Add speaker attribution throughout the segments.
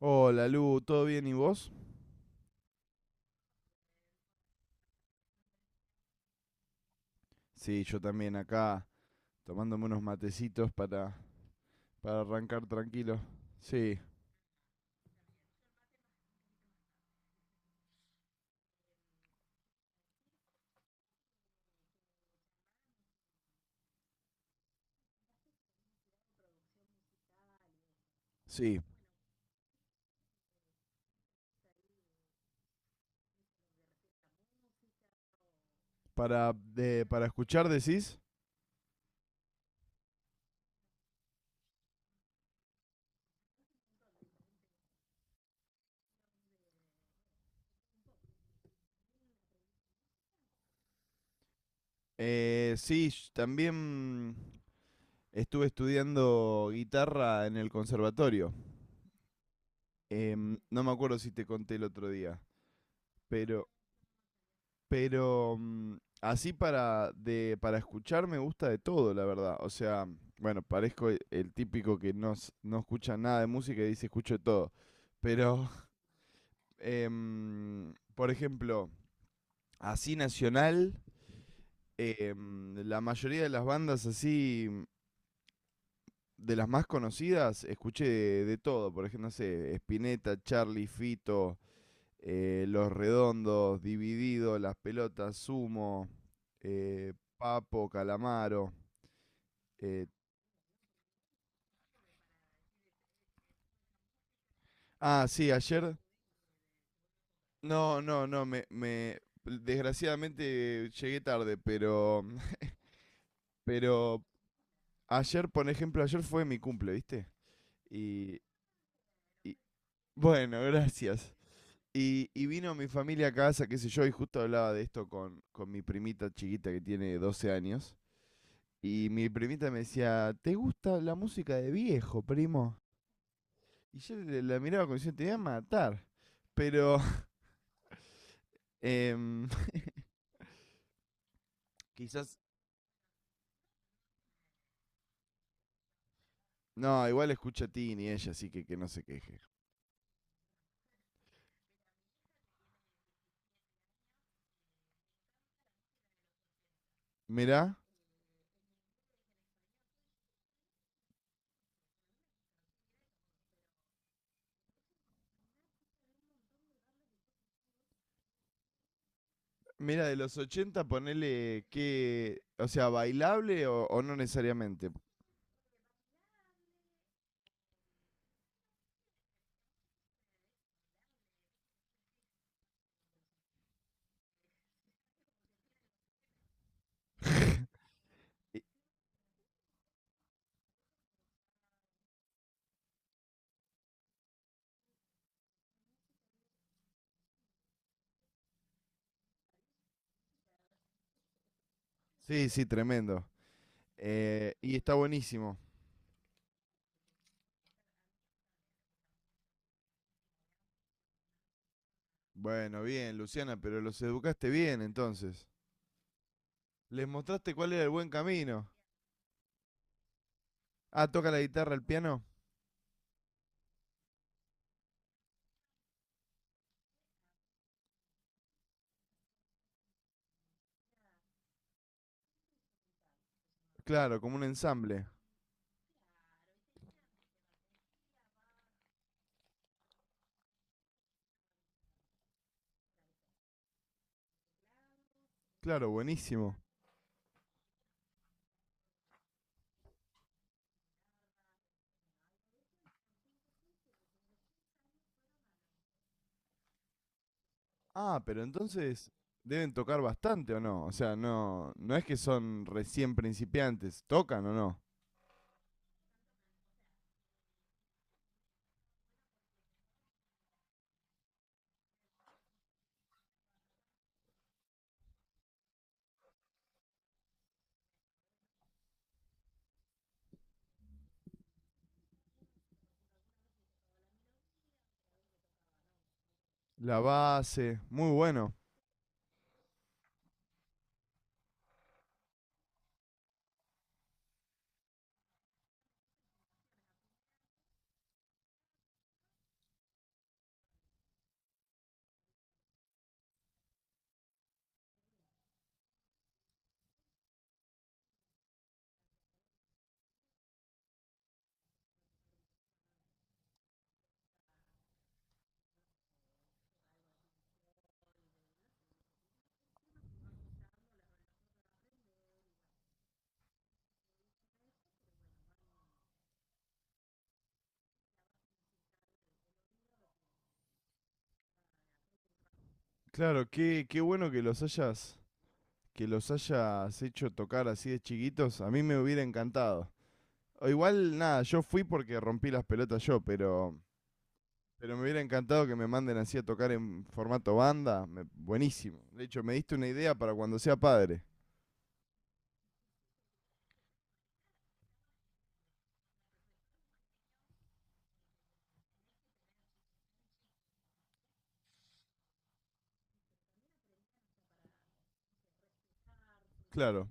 Speaker 1: Hola Lu, ¿todo bien y vos? Sí, yo también acá tomándome unos matecitos para arrancar tranquilo. Sí, sí. Para, para escuchar decís. Sí, también estuve estudiando guitarra en el conservatorio. No me acuerdo si te conté el otro día, pero... Pero así para, de, para escuchar me gusta de todo, la verdad. O sea, bueno, parezco el típico que no, no escucha nada de música y dice escucho de todo. Pero, por ejemplo, así nacional, la mayoría de las bandas así, de las más conocidas, escuché de todo. Por ejemplo, no sé, Spinetta, Charlie, Fito, Los Redondos, Dividido, Las Pelotas, Sumo, eh, Papo, Calamaro. eh, ah, sí, ayer. No, no, no, me, desgraciadamente llegué tarde, pero, pero ayer, por ejemplo, ayer fue mi cumple, ¿viste? Y, y- bueno, gracias. Y vino mi familia a casa, qué sé yo, y justo hablaba de esto con mi primita chiquita que tiene 12 años. Y mi primita me decía, ¿te gusta la música de viejo, primo? Y yo la miraba como diciendo, te voy a matar. Pero em, quizás... No, igual escucha a Tini ella, así que no se queje. Mirá, mira, de los 80 ponele que... O sea, bailable o no necesariamente. Y- sí, sí, tremendo. Y está buenísimo. Bueno, bien, Luciana, pero los educaste bien entonces. Les mostraste cuál era el buen camino. Ah, toca la guitarra, el piano. Claro, como un ensamble. Claro, buenísimo. Ah, pero entonces deben tocar bastante o no. O sea, no, no es que son recién principiantes. ¿Tocan o no? La base, muy bueno. Claro, qué, qué bueno que los hayas hecho tocar así de chiquitos. A mí me hubiera encantado. O igual, nada, yo fui porque rompí las pelotas yo, pero me hubiera encantado que me manden así a tocar en formato banda. Buenísimo. De hecho, me diste una idea para cuando sea padre. Claro.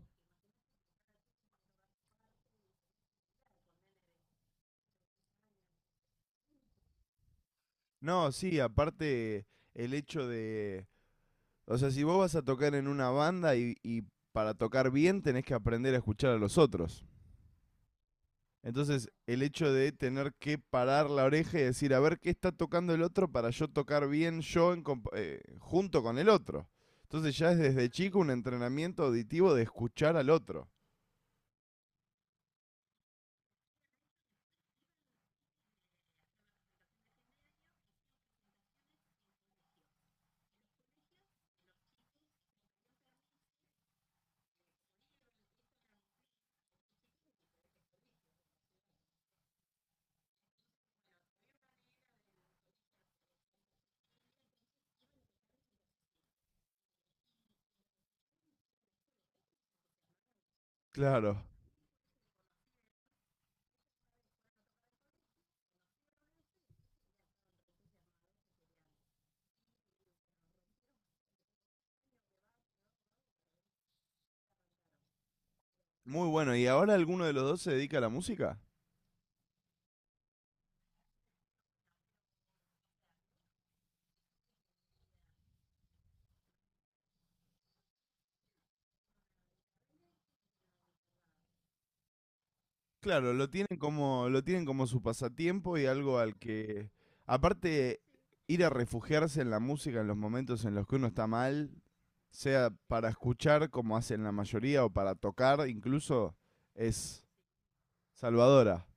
Speaker 1: No, sí, aparte el hecho de, o sea, si vos vas a tocar en una banda y para tocar bien tenés que aprender a escuchar a los otros. Entonces, el hecho de tener que parar la oreja y decir, a ver qué está tocando el otro para yo tocar bien yo en junto con el otro. Entonces ya es desde chico un entrenamiento auditivo de escuchar al otro. Claro. Muy bueno. ¿Y ahora alguno de los dos se dedica a la música? Claro, lo tienen como su pasatiempo y algo al que, aparte, ir a refugiarse en la música en los momentos en los que uno está mal, sea para escuchar como hacen la mayoría o para tocar incluso, es salvadora.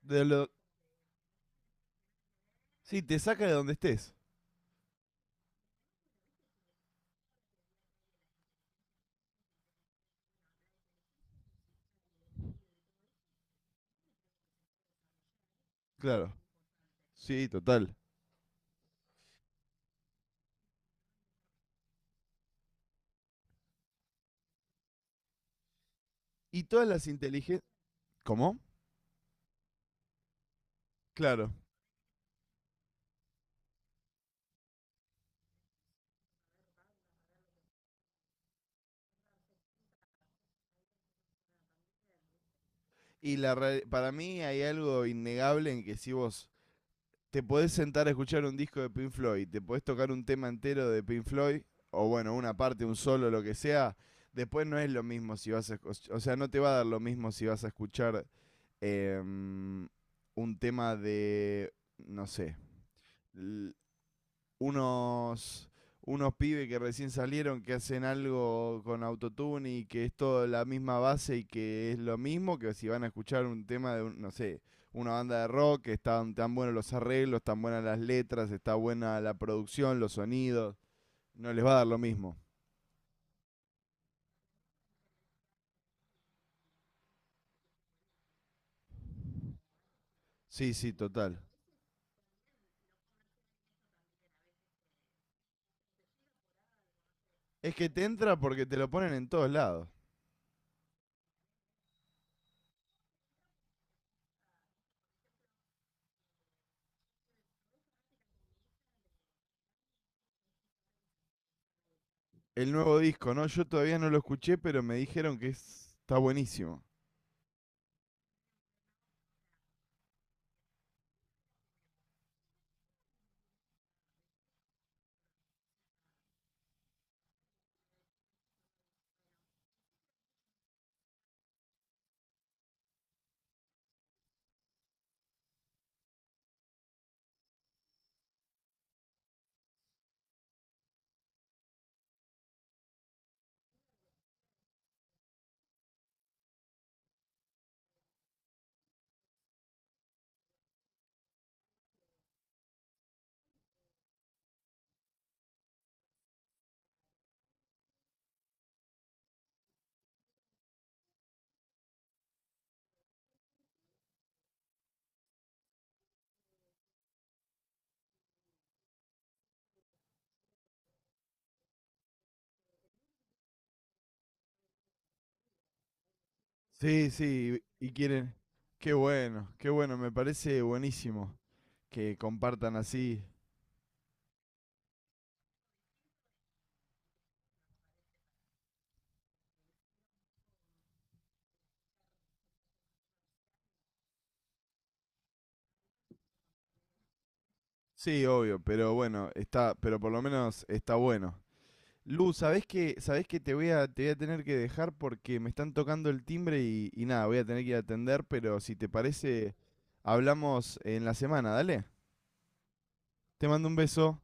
Speaker 1: De lo, sí, te saca de donde estés. Claro. Sí, total. Y todas las inteligencias... ¿Cómo? Claro. Y la, para mí hay algo innegable en que si vos te podés sentar a escuchar un disco de Pink Floyd, te podés tocar un tema entero de Pink Floyd, o bueno, una parte, un solo, lo que sea, después no es lo mismo si vas a... O sea, no te va a dar lo mismo si vas a escuchar em, un tema de, no sé, unos, unos pibes que recién salieron que hacen algo con autotune y que es todo la misma base y que es lo mismo que si van a escuchar un tema de, no sé, una banda de rock, que están tan buenos los arreglos, tan buenas las letras, está buena la producción, los sonidos, no les va a dar lo mismo. Sí, sí, total. Es que te entra porque te lo ponen en todos lados. El nuevo disco, ¿no? Yo todavía no lo escuché, pero me dijeron que está buenísimo. Sí, sí, y quieren... qué bueno, me parece buenísimo que compartan así. Sí, obvio, pero bueno, está, pero por lo menos está bueno. Lu, sabés que te voy a tener que dejar porque me están tocando el timbre y nada, voy a tener que ir a atender, pero si te parece, hablamos en la semana, dale. Te mando un beso.